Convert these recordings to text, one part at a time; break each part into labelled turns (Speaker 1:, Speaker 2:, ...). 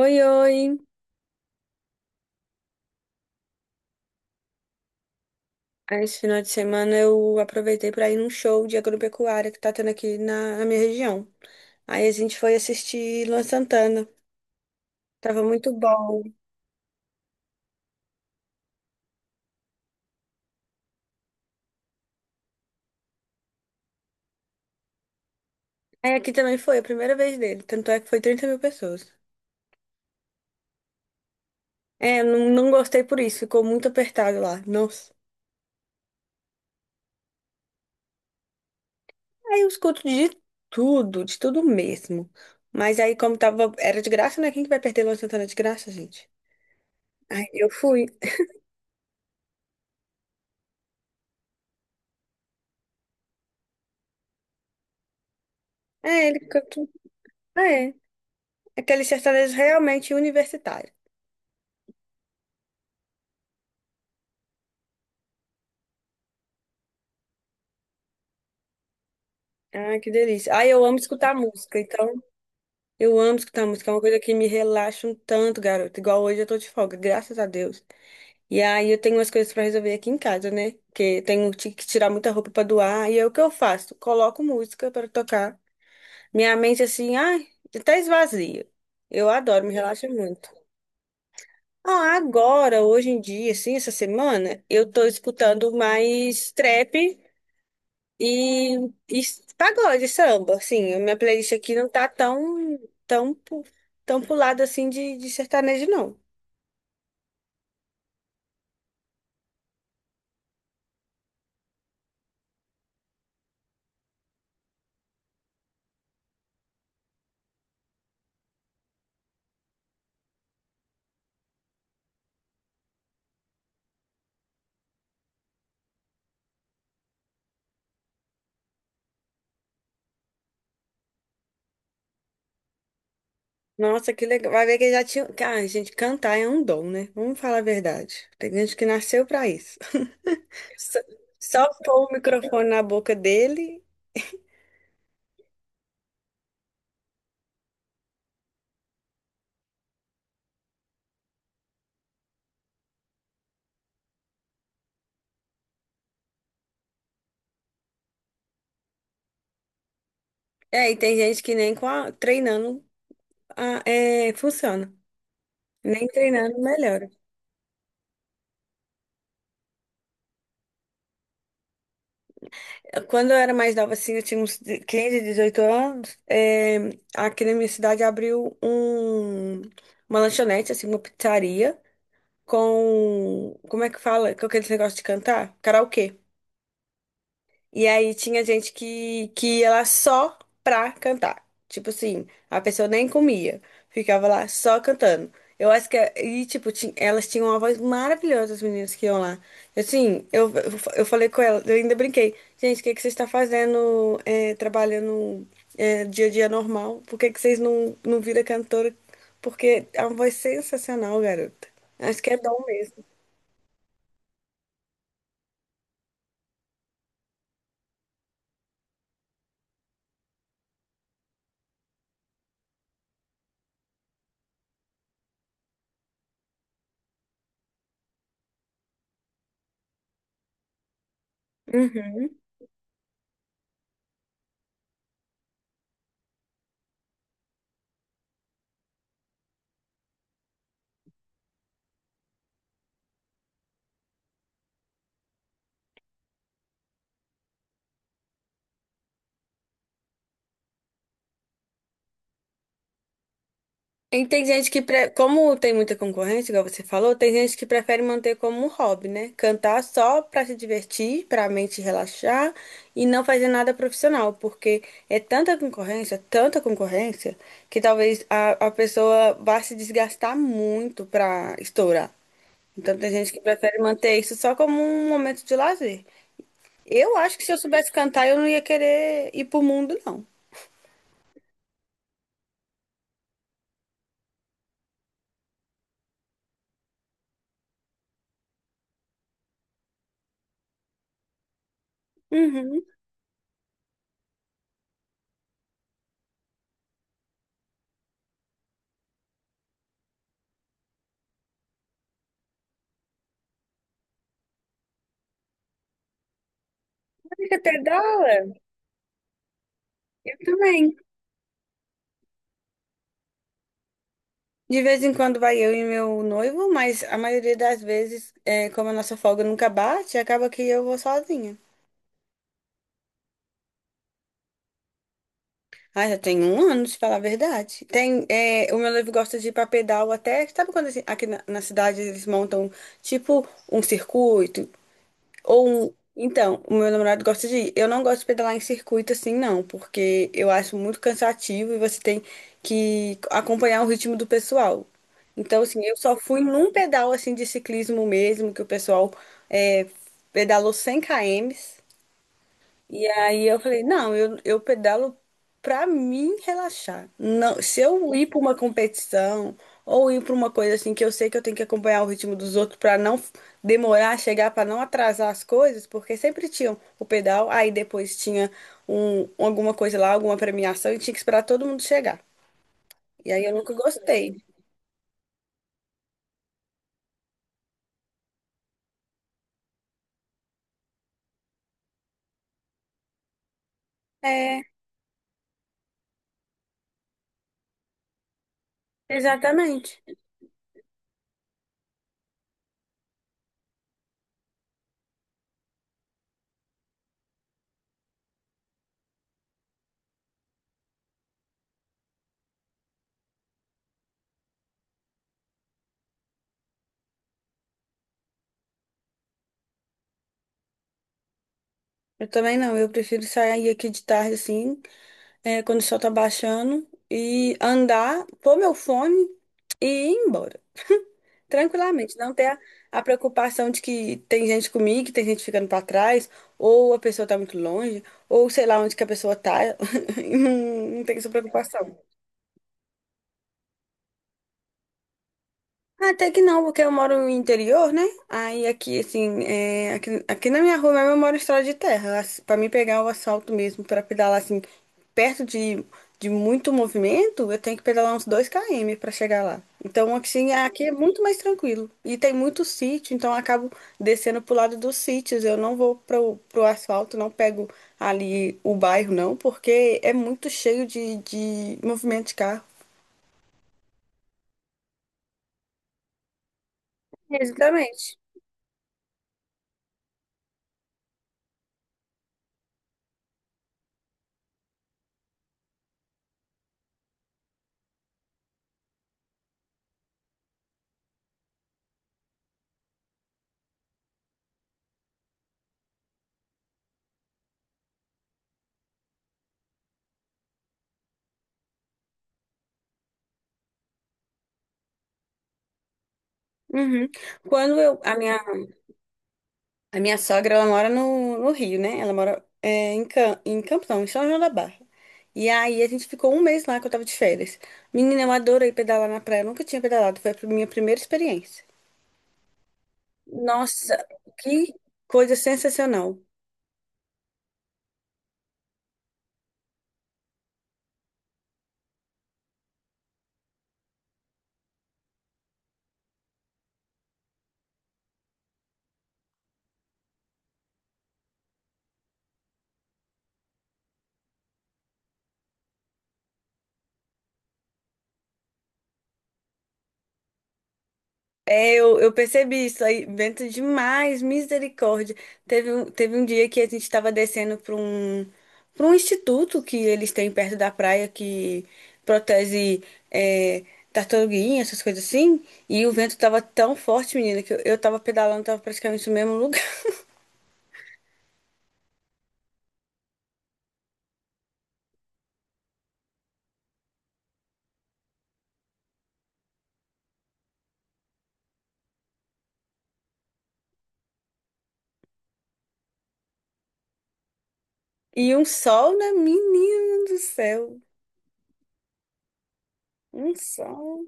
Speaker 1: Oi, oi! Esse final de semana eu aproveitei para ir num show de agropecuária que tá tendo aqui na minha região. Aí a gente foi assistir Luan Santana. Tava muito bom. Aí aqui também foi a primeira vez dele, tanto é que foi 30 mil pessoas. É, eu não gostei por isso, ficou muito apertado lá. Nossa. Aí eu escuto de tudo mesmo. Mas aí, como tava, era de graça, né? Quem que vai perder Luan Santana de graça, gente? Aí eu fui. É, ele cantou. É, aquele sertanejo realmente universitário. Ah, que delícia. Ah, eu amo escutar música, então eu amo escutar música, é uma coisa que me relaxa um tanto, garoto. Igual hoje eu tô de folga, graças a Deus. E aí eu tenho umas coisas pra resolver aqui em casa, né? Porque tenho que tirar muita roupa pra doar, e aí o que eu faço? Coloco música pra tocar. Minha mente assim, ai, até esvazia. Eu adoro, me relaxa muito. Ah, agora, hoje em dia, assim, essa semana, eu tô escutando mais trap E, e pagode, samba, assim, a minha playlist aqui não tá tão, tão, pu- tão pulada assim de sertanejo, não. Nossa, que legal. Vai ver que já tinha. Cara, gente, cantar é um dom, né? Vamos falar a verdade. Tem gente que nasceu pra isso. Só, só pôr o microfone na boca dele. É, e tem gente que nem treinando funciona. Nem treinando melhora. Quando eu era mais nova, assim, eu tinha uns 15, 18 anos, aqui na minha cidade abriu uma lanchonete, assim, uma pizzaria com, como é que fala? Com aquele negócio de cantar? Karaokê. E aí tinha gente que ia lá só pra cantar. Tipo assim, a pessoa nem comia, ficava lá só cantando. Eu acho que, é, e tipo, elas tinham uma voz maravilhosa, as meninas que iam lá. Assim, eu falei com ela, eu ainda brinquei. Gente, o que que vocês estão fazendo, é, trabalhando, é, dia a dia normal? Por que que vocês não viram cantora? Porque é uma voz sensacional, garota. Acho que é dom mesmo. Uhum. E tem gente que, como tem muita concorrência, igual você falou, tem gente que prefere manter como um hobby, né? Cantar só para se divertir, para a mente relaxar e não fazer nada profissional, porque é tanta concorrência, que talvez a pessoa vá se desgastar muito para estourar. Então tem gente que prefere manter isso só como um momento de lazer. Eu acho que se eu soubesse cantar, eu não ia querer ir pro mundo, não. Uhum. Ai, que até dá. Eu também. De vez em quando vai eu e meu noivo, mas a maioria das vezes, é, como a nossa folga nunca bate, acaba que eu vou sozinha. Ah, já tem um ano, se falar a verdade. Tem, é, o meu noivo gosta de ir pra pedal até. Sabe quando assim, aqui na cidade eles montam tipo um circuito? Então, o meu namorado gosta de ir. Eu não gosto de pedalar em circuito assim, não, porque eu acho muito cansativo e você tem que acompanhar o ritmo do pessoal. Então, assim, eu só fui num pedal assim de ciclismo mesmo, que o pessoal é, pedalou 100 km. E aí eu falei, não, eu pedalo pra mim relaxar. Não, se eu ir pra uma competição ou ir pra uma coisa assim que eu sei que eu tenho que acompanhar o ritmo dos outros pra não f- demorar a chegar, pra não atrasar as coisas, porque sempre tinham o pedal, aí depois tinha alguma coisa lá, alguma premiação e tinha que esperar todo mundo chegar. E aí eu nunca gostei. É, exatamente. Eu também não, eu prefiro sair aqui de tarde assim, é, quando o sol tá baixando e andar, pôr meu fone e ir embora. Tranquilamente, não ter a preocupação de que tem gente comigo, que tem gente ficando pra trás, ou a pessoa tá muito longe, ou sei lá onde que a pessoa tá. Não, não tem essa preocupação. Até que não, porque eu moro no interior, né? Aí aqui, assim, é, aqui na minha rua mesmo eu moro em estrada de terra, assim, pra mim pegar o asfalto mesmo, pra pedalar, assim, perto de muito movimento, eu tenho que pedalar uns 2 km pra chegar lá. Então, assim, aqui é muito mais tranquilo. E tem muito sítio, então eu acabo descendo pro lado dos sítios. Eu não vou pro asfalto, não pego ali o bairro, não, porque é muito cheio de movimento de carro. Exatamente. Uhum. Quando eu, a minha A minha sogra, ela mora no Rio, né? Ela mora é, em, Cam em Campos, não, em São João da Barra. E aí a gente ficou um mês lá que eu tava de férias. Menina, eu adorei pedalar na praia. Eu nunca tinha pedalado, foi a minha primeira experiência. Nossa, que coisa sensacional. É, eu percebi isso aí, vento demais, misericórdia. Teve um dia que a gente estava descendo para um instituto que eles têm perto da praia que protege, é, tartaruguinha, essas coisas assim. E o vento estava tão forte, menina, que eu tava pedalando, tava praticamente no mesmo lugar. E um sol, né, menina do céu? Um sol.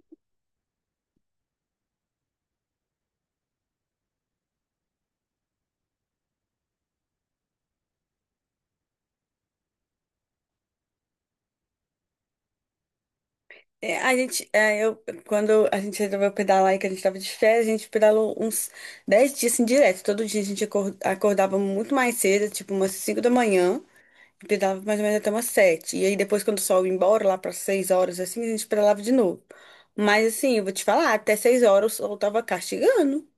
Speaker 1: É, a gente, é, eu, quando a gente resolveu pedalar e que a gente tava de férias, a gente pedalou uns 10 dias assim, direto. Todo dia a gente acordava muito mais cedo, tipo umas 5 da manhã, e pedalava mais ou menos até umas sete. E aí depois, quando o sol ia embora, lá para 6 horas, assim, a gente pedalava de novo. Mas assim, eu vou te falar, até 6 horas o sol tava castigando.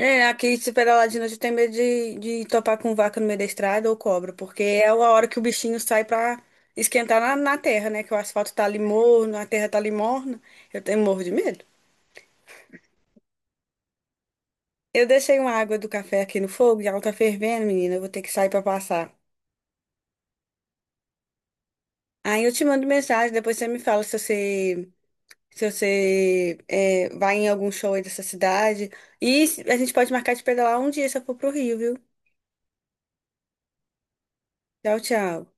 Speaker 1: É, aqui super aladino já tem medo de topar com vaca no meio da estrada ou cobra, porque é a hora que o bichinho sai pra esquentar na terra, né? Que o asfalto tá ali morno, a terra tá ali morna. Eu tenho morro de medo. Eu deixei uma água do café aqui no fogo e ela tá fervendo, menina. Eu vou ter que sair pra passar. Aí eu te mando mensagem, depois você me fala se se você, vai em algum show aí dessa cidade. E a gente pode marcar de pedalar um dia se eu for pro Rio, viu? Tchau, tchau.